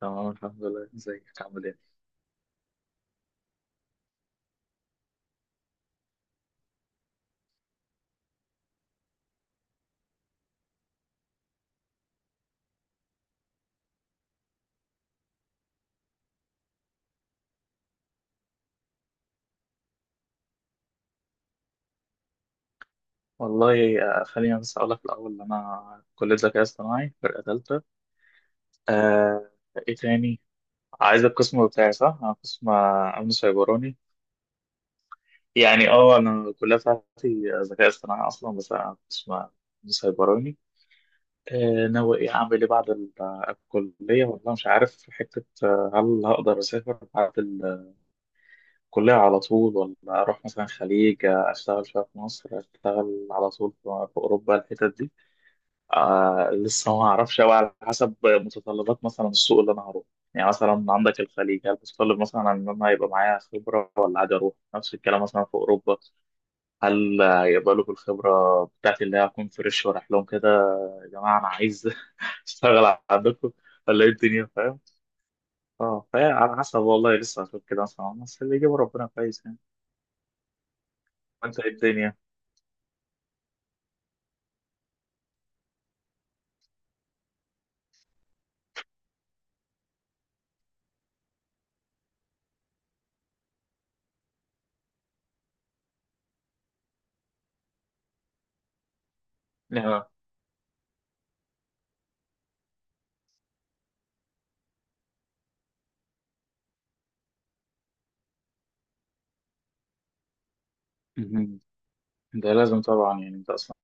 تمام الحمد لله، ازيك عامل ايه؟ والله خليني بس اقول لك الاول ان انا كليه ذكاء اصطناعي فرقه ثالثه. آه. ايه تاني؟ عايز القسم بتاعي صح؟ انا قسم امن سيبراني. يعني اه انا الكليه بتاعتي ذكاء اصطناعي اصلا، بس انا قسم امن سيبراني. آه، ناوي ايه، اعمل ايه بعد الكليه؟ والله مش عارف. في حته هل هقدر اسافر بعد الكليه على طول، ولا اروح مثلا خليج اشتغل شويه في مصر، اشتغل على طول في اوروبا الحتت دي. آه، لسه ما اعرفش قوي، على حسب متطلبات مثلا السوق اللي انا هروح. يعني مثلا عندك الخليج، هل متطلب مثلا ان انا يبقى معايا خبره، ولا عادي اروح؟ نفس الكلام مثلا في اوروبا، هل يقبلوا بالخبره بتاعتي اللي هي هكون فريش ورايح لهم كده؟ يا جماعه انا عايز اشتغل عندكم، ولا ايه الدنيا، فاهم؟ اه، فهي على حسب، والله لسه هشوف كده مثلا، بس اللي يجيبه ربنا كويس يعني. انت ايه الدنيا؟ آه. ده لازم طبعا، يعني انت اصلا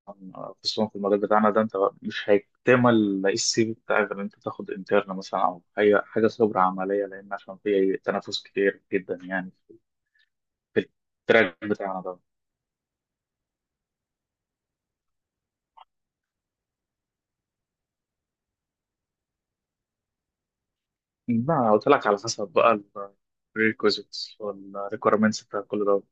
خصوصا في المجال بتاعنا ده، انت مش هيكتمل السي في بتاعك غير ان انت تاخد انترن مثلا او اي حاجه خبره عمليه، لان عشان في تنافس كتير جدا يعني في التراك بتاعنا ده. ما قلت لك، على حسب بقى الريكوزيتس والريكويرمنتس بتاع كل ده.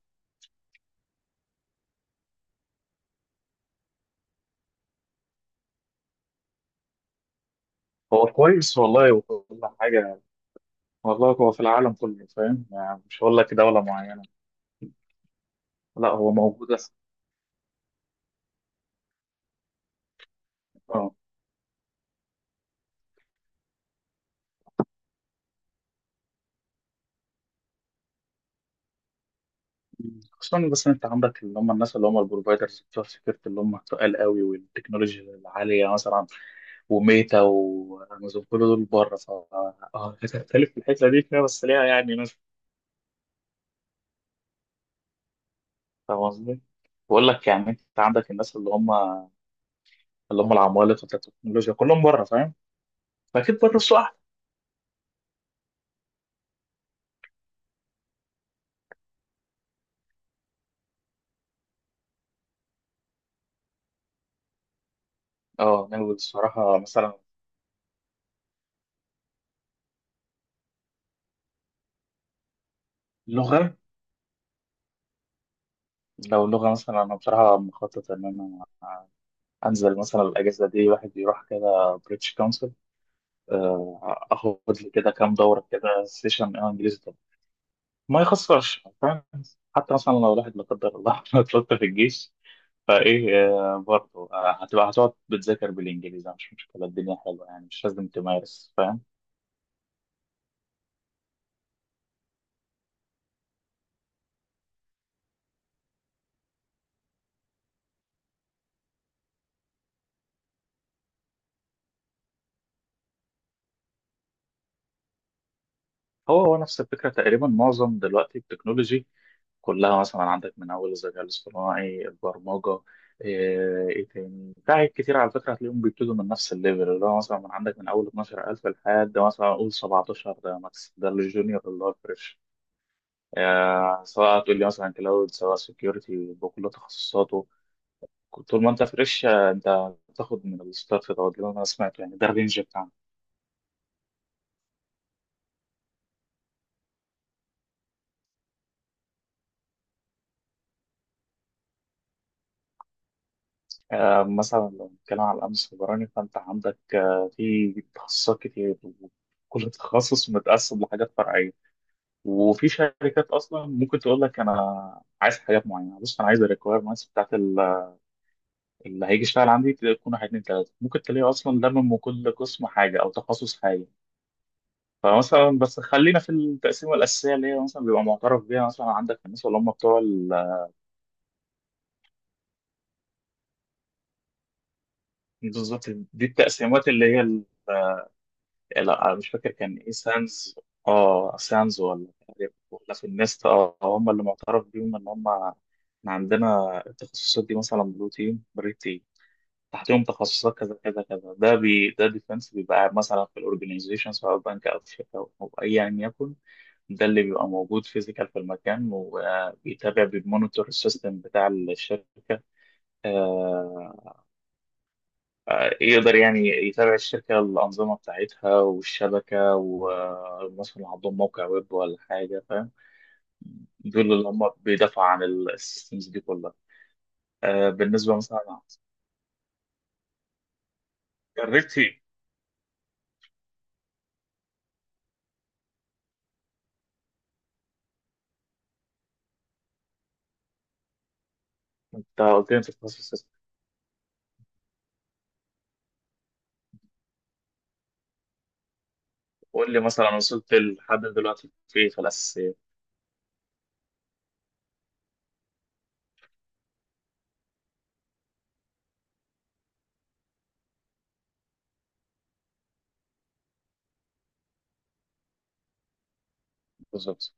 هو كويس والله وكل حاجه. والله هو في العالم كله، فاهم يعني، مش هقول لك دوله معينه. لا، هو موجود أصلاً. آه. خصوصا بس إن انت عندك اللي هم الناس اللي هم البروفايدرز بتوع السكيورتي اللي هم تقال قوي والتكنولوجيا العاليه، مثلا وميتا وامازون كل دول بره، ف هتختلف في الحته دي، فيها بس ليها يعني ناس. فاهم قصدي؟ بقول لك يعني انت عندك الناس اللي هم اللي هم العمالقه بتاعت التكنولوجيا كلهم بره، فاهم؟ فاكيد بره السوق احلى. اه ناوي بصراحه مثلا لغه. لو لغه مثلا، انا بصراحه مخطط ان انا انزل مثلا الاجازه دي واحد يروح كده بريتش، اخد لي كده كام دوره كده سيشن انجليزي طبعا. ما يخسرش، فاهم. حتى مثلا لو الواحد لا قدر الله اتلطف في الجيش، فايه برضه هتبقى هتقعد بتذاكر بالانجليزي، مش مشكله، الدنيا حلوه يعني، مش لازم تمارس، فاهم. هو نفس الفكره تقريبا، معظم دلوقتي التكنولوجي كلها، مثلا عندك من اول الذكاء الاصطناعي، البرمجه، إيه تاني، في حاجات كتير على فكره هتلاقيهم بيبتدوا من نفس الليفل، اللي هو مثلا من عندك من اول 12000 لحد مثلا اقول 17، ده ماكس، ده الجونيور اللي هو الفريش. سواء هتقول لي مثلا كلاود، سواء سكيورتي بكل تخصصاته، طول ما انت فريش انت هتاخد من الستارت دوت اللي انا سمعته يعني، ده الرينج بتاعنا. مثلا لو بنتكلم على الامن السيبراني، فانت عندك في تخصصات كتير، وكل تخصص متقسم لحاجات فرعيه. وفي شركات اصلا ممكن تقول لك انا عايز حاجات معينه، بص انا عايز الريكويرمنتس بتاعت اللي هيجي يشتغل عندي تكون واحد اتنين تلاته، ممكن تلاقيه اصلا لمم من كل قسم حاجه او تخصص حاجه. فمثلا بس خلينا في التقسيمه الاساسيه اللي هي مثلا بيبقى معترف بيها، مثلا عندك الناس اللي هم بتوع بالظبط دي التقسيمات اللي هي لا مش فاكر كان ايه، سانز. اه سانز ولا تقريباً، ولا في النست، اه هم اللي معترف بيهم ان هم إحنا عندنا التخصصات دي، مثلا بلو تيم تحتهم تخصصات كذا كذا كذا، ده بي ده ديفنس بيبقى قاعد مثلا في الاورجنايزيشن سواء بنك او في شركه او ايا يكن، ده اللي بيبقى موجود فيزيكال في المكان، وبيتابع بيمونيتور السيستم بتاع الشركه. آه، يقدر يعني يتابع الشركه، الانظمه بتاعتها والشبكه، ومثلا عندهم موقع ويب ولا حاجه، فاهم. دول اللي هم بيدافعوا عن السيستمز دي كلها. بالنسبه مثلا جربتي؟ انت قلت لي انت تخصص. قول لي مثلا وصلت لحد دلوقتي في إيه في الأساسيات؟ بالظبط.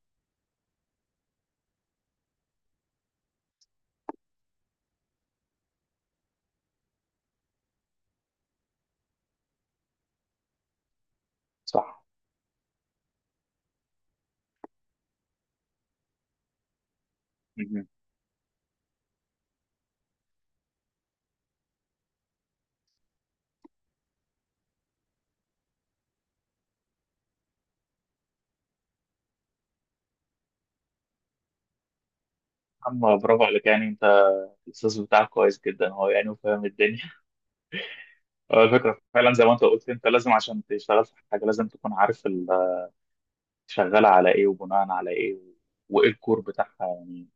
صح. مهم. أما برافو عليك، يعني أنت الأستاذ بتاعك كويس جدا هو يعني، وفاهم الدنيا. هو الفكرة فعلا زي ما أنت قلت، أنت لازم عشان تشتغل في حاجة لازم تكون عارف شغالة على إيه، وبناء على إيه، وإيه الكور بتاعها يعني.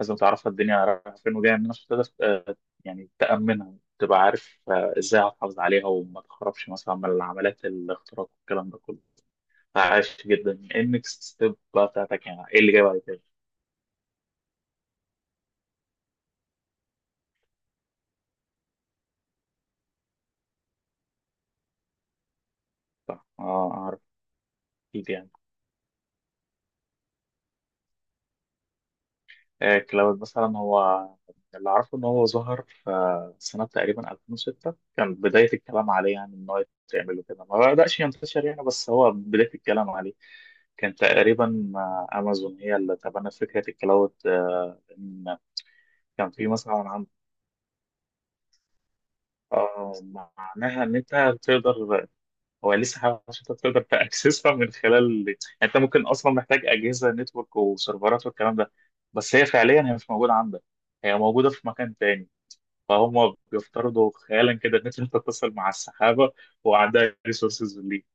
لازم تعرف الدنيا رايحة فين وجاية منين، عشان تقدر يعني تأمنها، تبقى عارف إزاي هتحافظ عليها وما تخربش مثلا من عمليات الاختراق والكلام ده كله. عاش جدا. ايه النكست ستيب بقى بتاعتك، يعني ايه اللي جاي بعد كده؟ اه اعرف، اكيد يعني. كلاود مثلا، هو اللي اعرفه ان هو ظهر في سنه تقريبا 2006، كان بدايه الكلام عليه يعني ان هو يتعمل وكده، ما بداش ينتشر يعني بس هو بدايه الكلام عليه. كان تقريبا امازون هي اللي تبنت فكره الكلاود. ان كان في مثلا عن آه، معناها ان انت تقدر، هو لسه حاجة عشان انت تقدر تاكسسها من خلال، يعني انت ممكن اصلا محتاج اجهزه نتورك وسيرفرات والكلام ده، بس هي فعليا مش موجوده عندك، هي موجوده في مكان تاني. فهم بيفترضوا خيالا كده ان انت تتصل مع السحابه، وعندها ريسورسز ليك.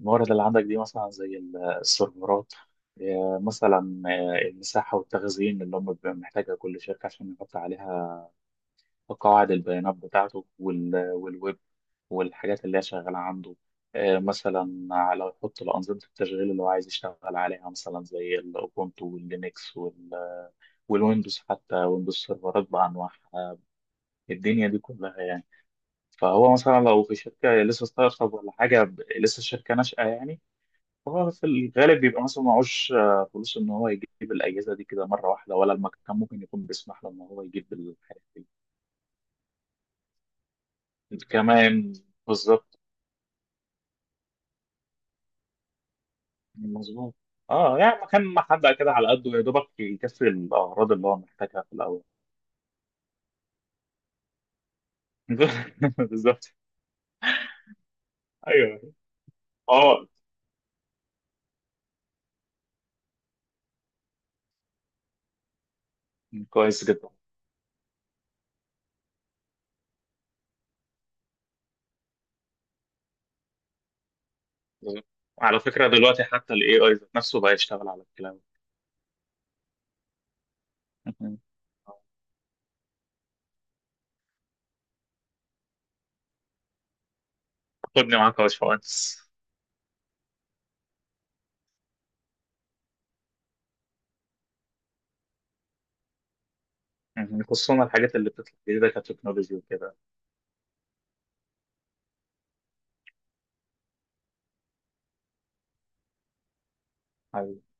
الموارد اللي عندك دي مثلا زي السيرفرات آه، مثلا آه، المساحه والتخزين اللي هم بيبقى محتاجها كل شركه عشان يحط عليها قواعد البيانات بتاعته، والويب والحاجات اللي هي شغالة عنده. مثلا لو يحط الأنظمة التشغيل اللي هو عايز يشتغل عليها، مثلا زي الأوبونتو واللينكس والويندوز، حتى ويندوز سيرفرات بأنواعها، الدنيا دي كلها يعني. فهو مثلا لو في شركة لسه ستارت اب ولا حاجة، لسه الشركة ناشئة يعني، فهو في الغالب بيبقى مثلا معهوش فلوس إن هو يجيب الأجهزة دي كده مرة واحدة، ولا المكان ممكن يكون بيسمح له إن هو يجيب الحاجات دي كمان. بالظبط. مظبوط. اه يعني مكان محدق كده على قده، يا دوبك يكفي الاغراض اللي هو محتاجها في الاول. بالظبط. ايوه. اه كويس جدا. على فكره دلوقتي حتى الاي اي ذات نفسه بقى يشتغل على الكلام. مهم. خدني معاك يا باشمهندس. خصوصا الحاجات اللي بتطلع جديده كتكنولوجي وكده. أيوه.